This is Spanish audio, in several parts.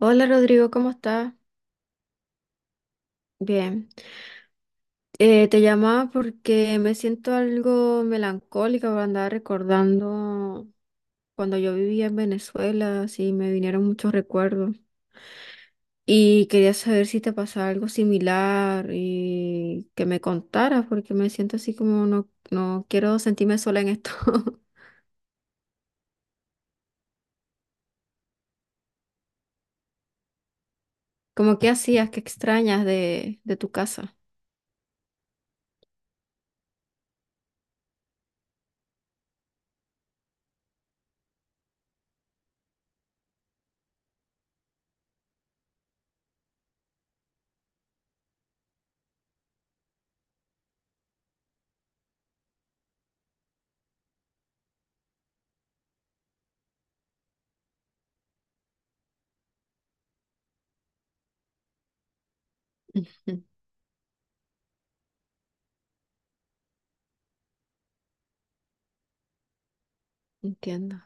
Hola Rodrigo, ¿cómo estás? Bien. Te llamaba porque me siento algo melancólica, porque andaba recordando cuando yo vivía en Venezuela, así me vinieron muchos recuerdos. Y quería saber si te pasaba algo similar y que me contaras, porque me siento así como no, no quiero sentirme sola en esto. Como qué hacías, qué extrañas de tu casa. Ujú. Entiendo.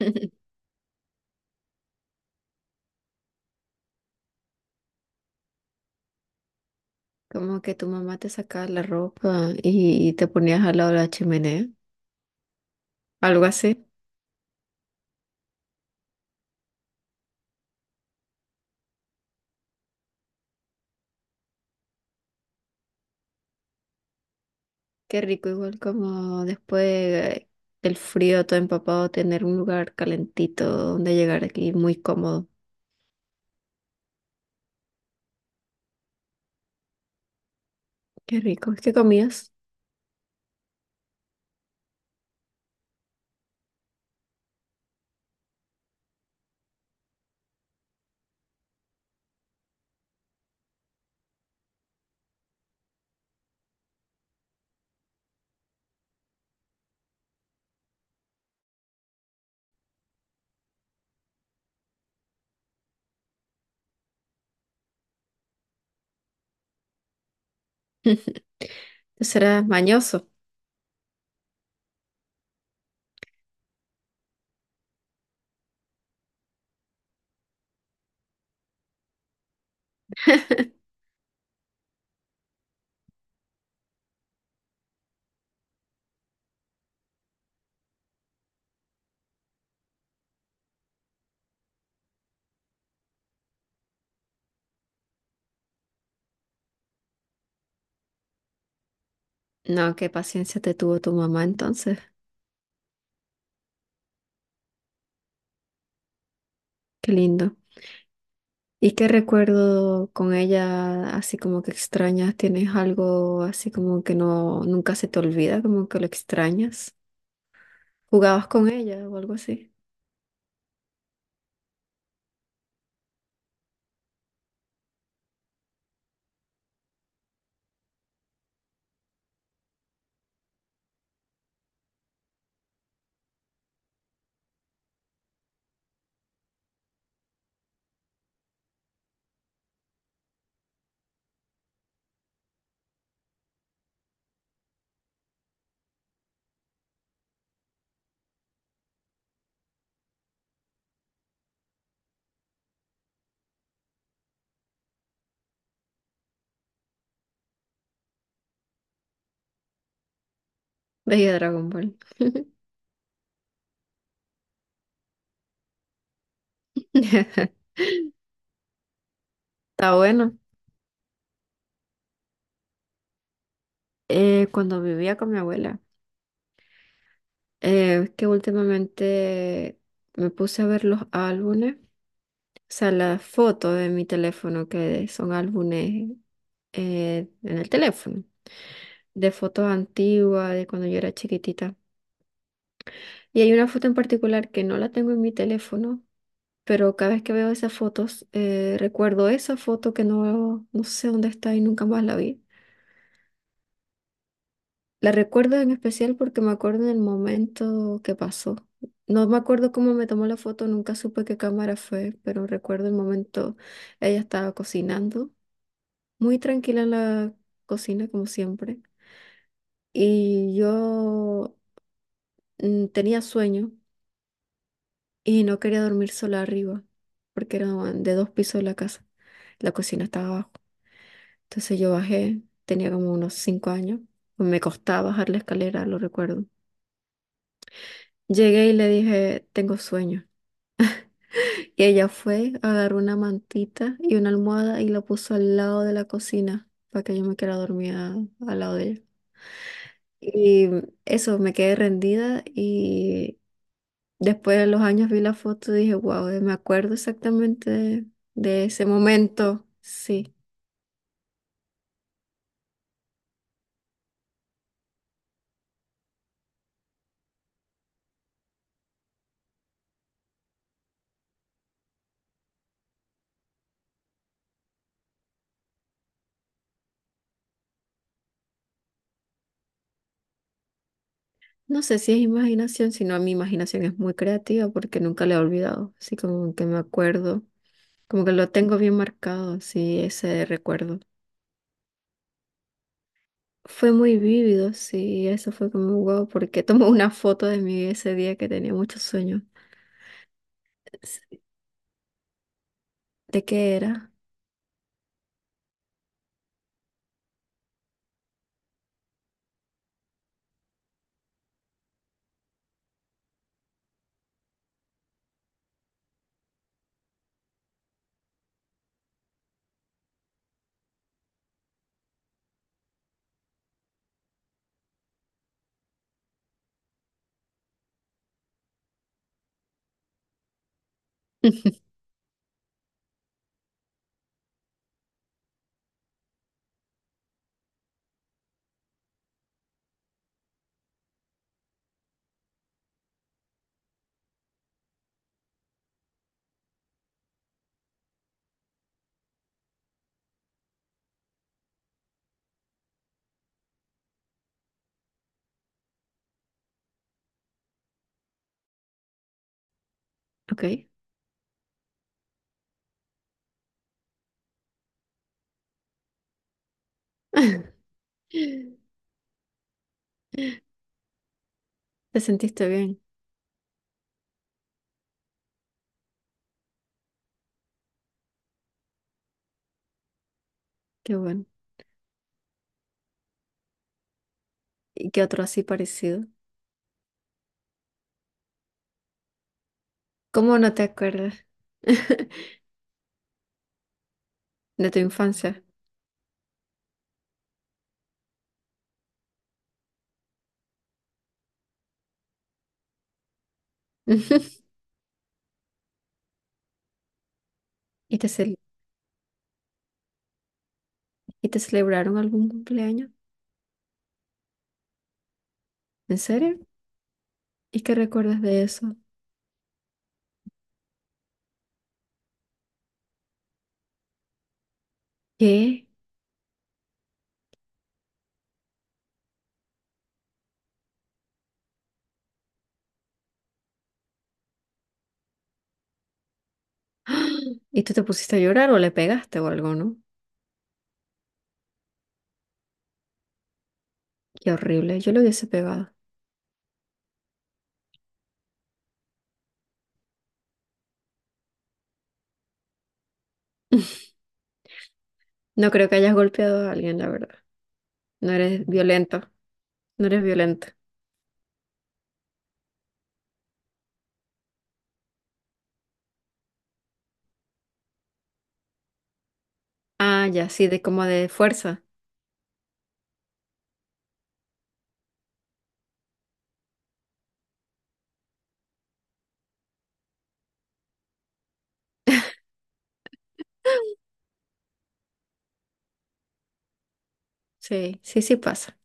Como que tu mamá te sacaba la ropa y te ponías al lado de la chimenea, algo así. Qué rico, igual como después del frío todo empapado, tener un lugar calentito donde llegar aquí muy cómodo. Qué rico. ¿Qué comías? Eso mañoso. No, qué paciencia te tuvo tu mamá entonces. Qué lindo. ¿Y qué recuerdo con ella así como que extrañas? ¿Tienes algo así como que no nunca se te olvida, como que lo extrañas? ¿Jugabas con ella o algo así? Veía Dragon Ball. Está bueno. Cuando vivía con mi abuela, es que últimamente me puse a ver los álbumes, o sea, las fotos de mi teléfono, que son álbumes en el teléfono, de fotos antiguas, de cuando yo era chiquitita. Y hay una foto en particular que no la tengo en mi teléfono, pero cada vez que veo esas fotos, recuerdo esa foto que no, no sé dónde está y nunca más la vi. La recuerdo en especial porque me acuerdo en el momento que pasó. No me acuerdo cómo me tomó la foto, nunca supe qué cámara fue, pero recuerdo el momento, ella estaba cocinando, muy tranquila en la cocina como siempre, y yo tenía sueño y no quería dormir sola arriba, porque era de dos pisos de la casa, la cocina estaba abajo. Entonces yo bajé, tenía como unos 5 años, me costaba bajar la escalera, lo recuerdo. Llegué y le dije, tengo sueño. Y ella fue, agarró una mantita y una almohada y la puso al lado de la cocina para que yo me quedara dormida al lado de ella. Y eso, me quedé rendida y después de los años vi la foto y dije, wow, me acuerdo exactamente de ese momento. Sí. No sé si es imaginación, sino mi imaginación es muy creativa porque nunca la he olvidado. Así como que me acuerdo, como que lo tengo bien marcado, sí, ese recuerdo. Fue muy vívido, sí, eso fue como wow, porque tomé una foto de mí ese día que tenía muchos sueños. S- ¿De qué era? Ok. ¿Te sentiste bien? Qué bueno. ¿Y qué otro así parecido? ¿Cómo no te acuerdas de tu infancia? ¿Y te, y te celebraron algún cumpleaños? ¿En serio? ¿Y qué recuerdas de eso? ¿Qué? ¿Y tú te pusiste a llorar o le pegaste o algo, no? Qué horrible, yo le hubiese pegado. No creo que hayas golpeado a alguien, la verdad. No eres violento, no eres violento. Ah, ya, sí, de como de fuerza. Sí, sí, sí pasa.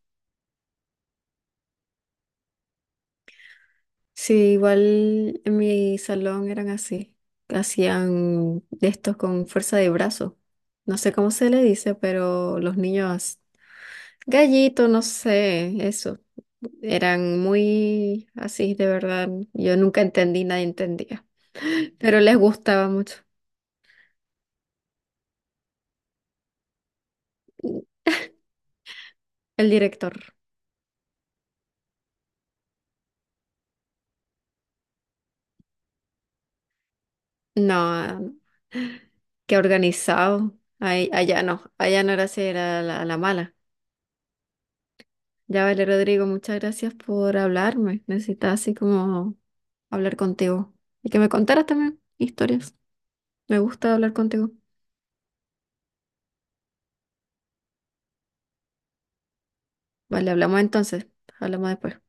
Sí, igual en mi salón eran así. Hacían de estos con fuerza de brazo. No sé cómo se le dice, pero los niños Gallito, no sé, eso. Eran muy así, de verdad. Yo nunca entendí, nadie entendía. Pero les gustaba mucho. El director, no, que organizado. Allá no, allá no era así, era la mala. Ya, vale, Rodrigo, muchas gracias por hablarme. Necesitaba así como hablar contigo. Y que me contaras también historias. Me gusta hablar contigo. Vale, hablamos entonces. Hablamos después.